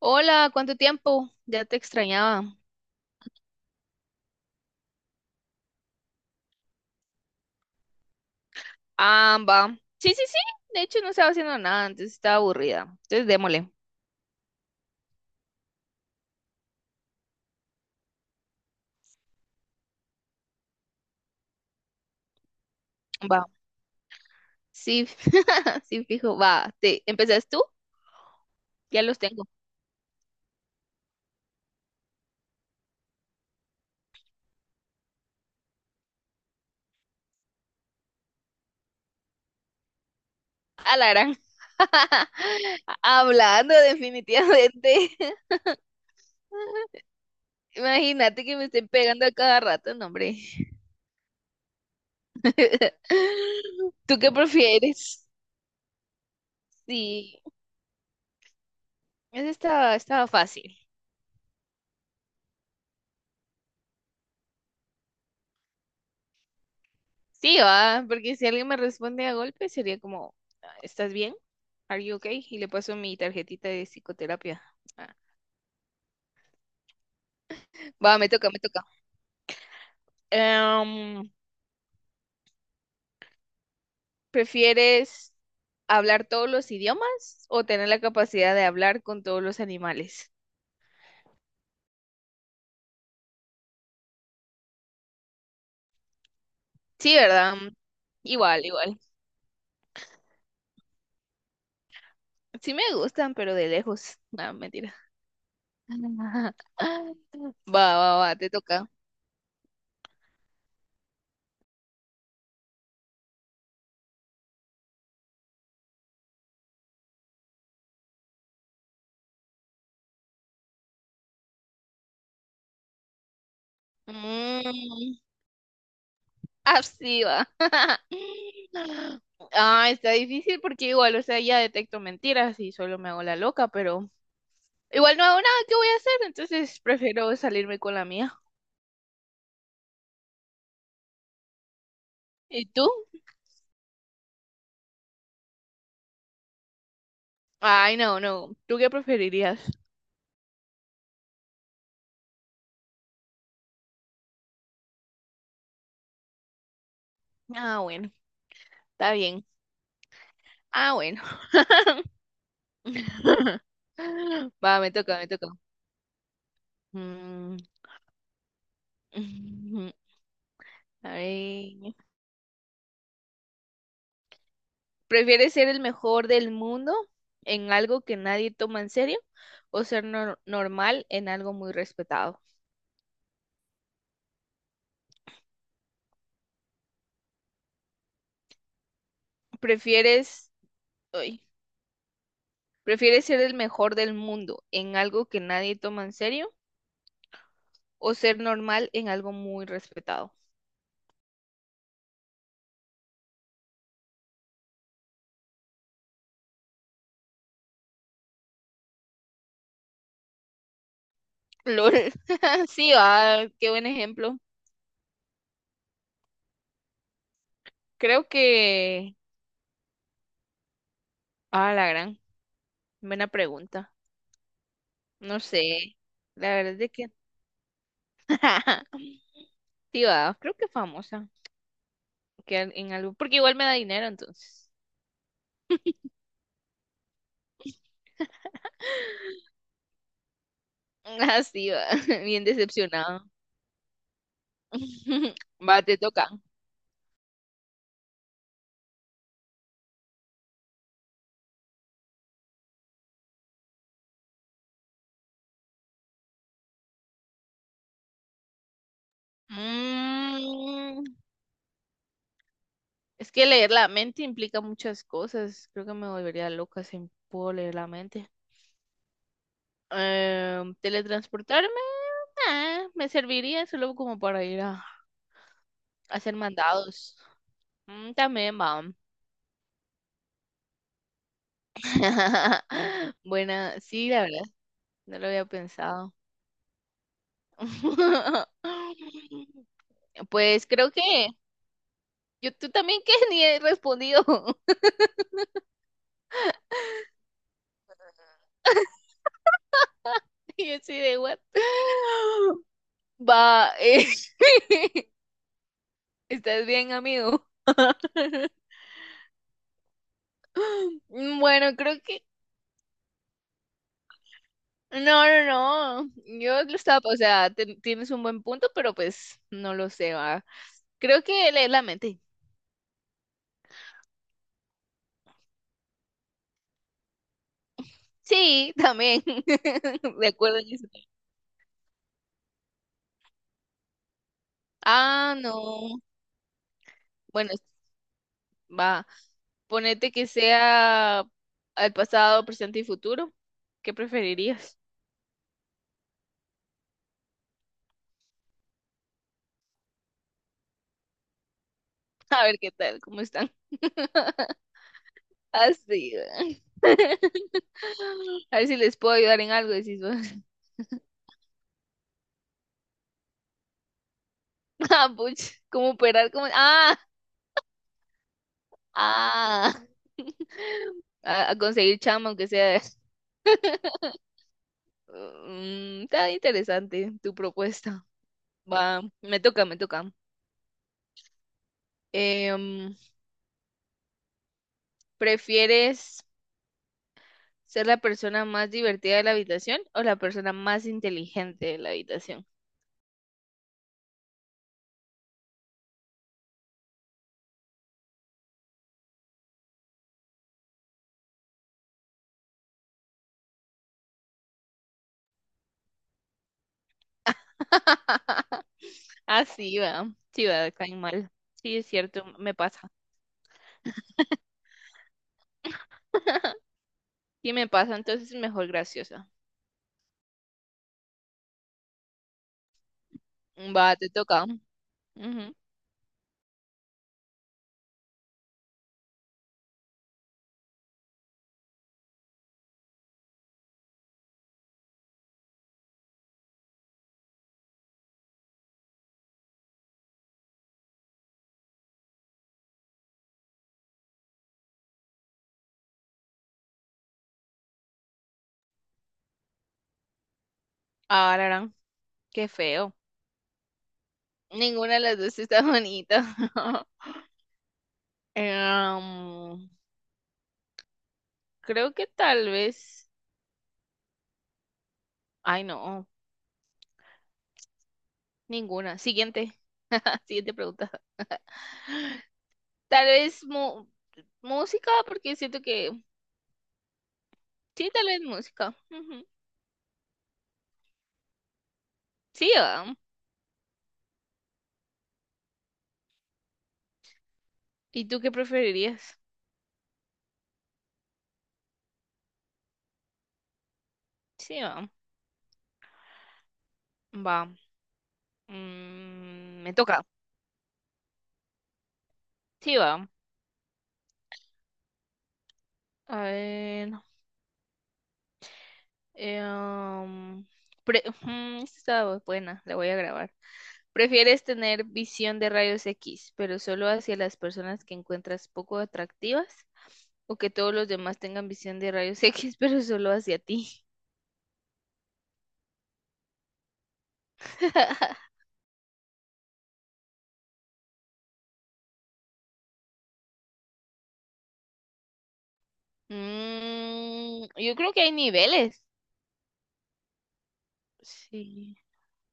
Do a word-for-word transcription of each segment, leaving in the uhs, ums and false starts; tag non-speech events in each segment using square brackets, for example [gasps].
Hola, ¿cuánto tiempo? Ya te extrañaba. Ah, va. Sí, sí, sí. De hecho, no estaba haciendo nada, entonces estaba aburrida. Entonces, démosle. Va. Sí, [laughs] sí, fijo. Va. Te... ¿Empezás tú? Ya los tengo. A la gran. [laughs] Hablando definitivamente. [laughs] Imagínate que me estén pegando a cada rato, no, hombre. [laughs] ¿Tú qué prefieres? Sí, eso estaba, estaba fácil. Sí, va, porque si alguien me responde a golpe sería como, "Ah, ¿estás bien? Are you okay?" Y le paso mi tarjetita de psicoterapia. Ah, va, me toca, me toca. Em, ¿Prefieres hablar todos los idiomas o tener la capacidad de hablar con todos los animales? Sí, ¿verdad? Igual, igual. Sí me gustan, pero de lejos. No, mentira. [laughs] Va, va, va, te toca. Mm, ah, sí, va. [laughs] Ah, está difícil porque igual, o sea, ya detecto mentiras y solo me hago la loca, pero igual no hago nada que voy a hacer, entonces prefiero salirme con la mía. ¿Y tú? Ay, no, no. ¿Tú qué preferirías? Ah, bueno, está bien. Ah, bueno. [laughs] Va, me toca, me toca. Mm, [laughs] a ver. ¿Prefieres ser el mejor del mundo en algo que nadie toma en serio o ser nor- normal en algo muy respetado? ¿Prefieres, ay, prefieres ser el mejor del mundo en algo que nadie toma en serio o ser normal en algo muy respetado? LOL. [laughs] Sí, ah, qué buen ejemplo. Creo que... Ah, la gran. Buena pregunta. No sé. La verdad es de que... [laughs] Sí, va. Creo que famosa. Que al- en algo... Porque igual me da dinero, entonces. Así va. [laughs] Bien decepcionado. [laughs] Va, te toca. Mm, es que leer la mente implica muchas cosas. Creo que me volvería loca si puedo leer la mente. Eh, teletransportarme, eh, me serviría solo como para ir a, a hacer mandados. Mm, también, va. [laughs] Buena, sí, la verdad, no lo había pensado. [laughs] Pues creo que yo tú también, que [laughs] ni he respondido. [laughs] Y así de what? [gasps] Va, eh, [laughs] ¿Estás bien, amigo? [laughs] Bueno, creo que no, no, no. Yo lo estaba, o sea, ten- tienes un buen punto, pero pues no lo sé, va. Creo que leer la mente. Sí, también. [laughs] De acuerdo en eso. Ah, no. Bueno, es- va. Ponete que sea al pasado, presente y futuro. ¿Qué preferirías? [laughs] A ver qué tal, cómo están. [laughs] Así, va. A ver si les puedo ayudar en algo, decís vos. [laughs] Ah, puch, ¿cómo operar? ¿Cómo? Ah, ah, [laughs] a, a conseguir chamba, aunque sea. Mm, está interesante tu propuesta. Va, me toca, me toca. Em, ¿Prefieres ser la persona más divertida de la habitación o la persona más inteligente de la habitación? [laughs] Así va, sí va, caen mal. Sí, es cierto, me pasa. [laughs] Sí me pasa, entonces mejor graciosa. Va, te toca. Ujú. Ahora, qué feo. Ninguna de las dos está bonita. [laughs] Em, creo que tal vez. Ay, no, ninguna. Siguiente. [laughs] Siguiente pregunta. [laughs] Tal vez mu- música, porque siento que. Sí, tal vez música. Ujú. Sí, va. ¿Y tú qué preferirías? Sí, va. Va. Mm, me toca. Sí, va. A ver. Eh, um, pre- ujú, esta está buena, la voy a grabar. ¿Prefieres tener visión de rayos X, pero solo hacia las personas que encuentras poco atractivas? ¿O que todos los demás tengan visión de rayos [laughs] X, pero solo hacia ti? [laughs] Mm, yo creo que hay niveles. Sí.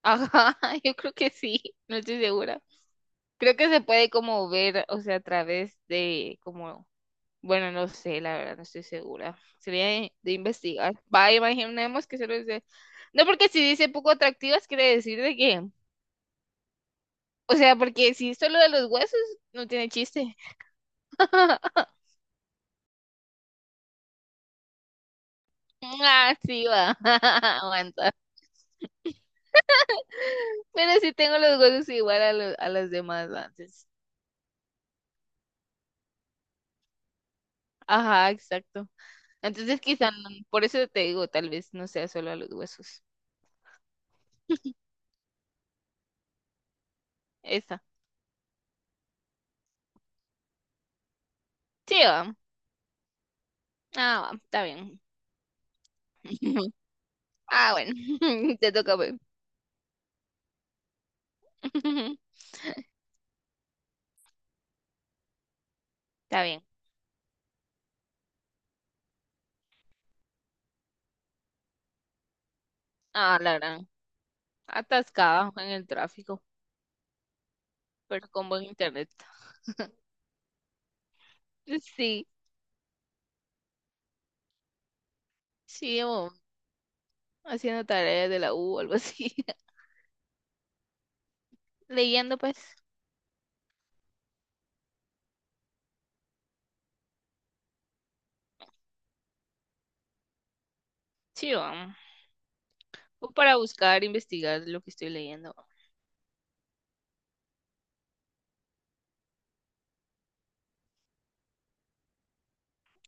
Ajá, [laughs] yo creo que sí, no estoy segura. Creo que se puede como ver, o sea, a través de como bueno, no sé, la verdad, no estoy segura. Sería de, de investigar. Va, imaginemos que solo dice. No, porque si dice poco atractivas, quiere decir de que. O sea, porque si es solo de los huesos, no tiene chiste. [laughs] Ah, sí, va. [laughs] Aguanta. Pero sí tengo los huesos igual a los, a las demás antes. Ajá, exacto. Entonces, quizá, no- por eso te digo, tal vez no sea solo a los huesos. Esa. Sí, va. Ah, va, está bien. [laughs] Ah, bueno. [laughs] Te toca, pues. [laughs] Está bien. Ah, la gran. Atascada en el tráfico, pero con buen internet. Sí, sí, o haciendo tareas de la U o algo así. [laughs] Leyendo, pues. Sí, o, o para buscar, investigar lo que estoy leyendo.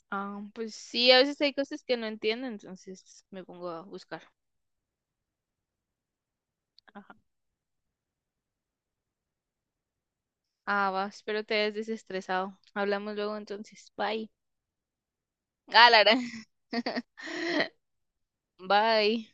Ah, pues sí, a veces hay cosas que no entiendo, entonces me pongo a buscar. Ajá. Ah, va, espero te hayas desestresado. Hablamos luego, entonces. Bye. Ah, la gran. [laughs] Bye.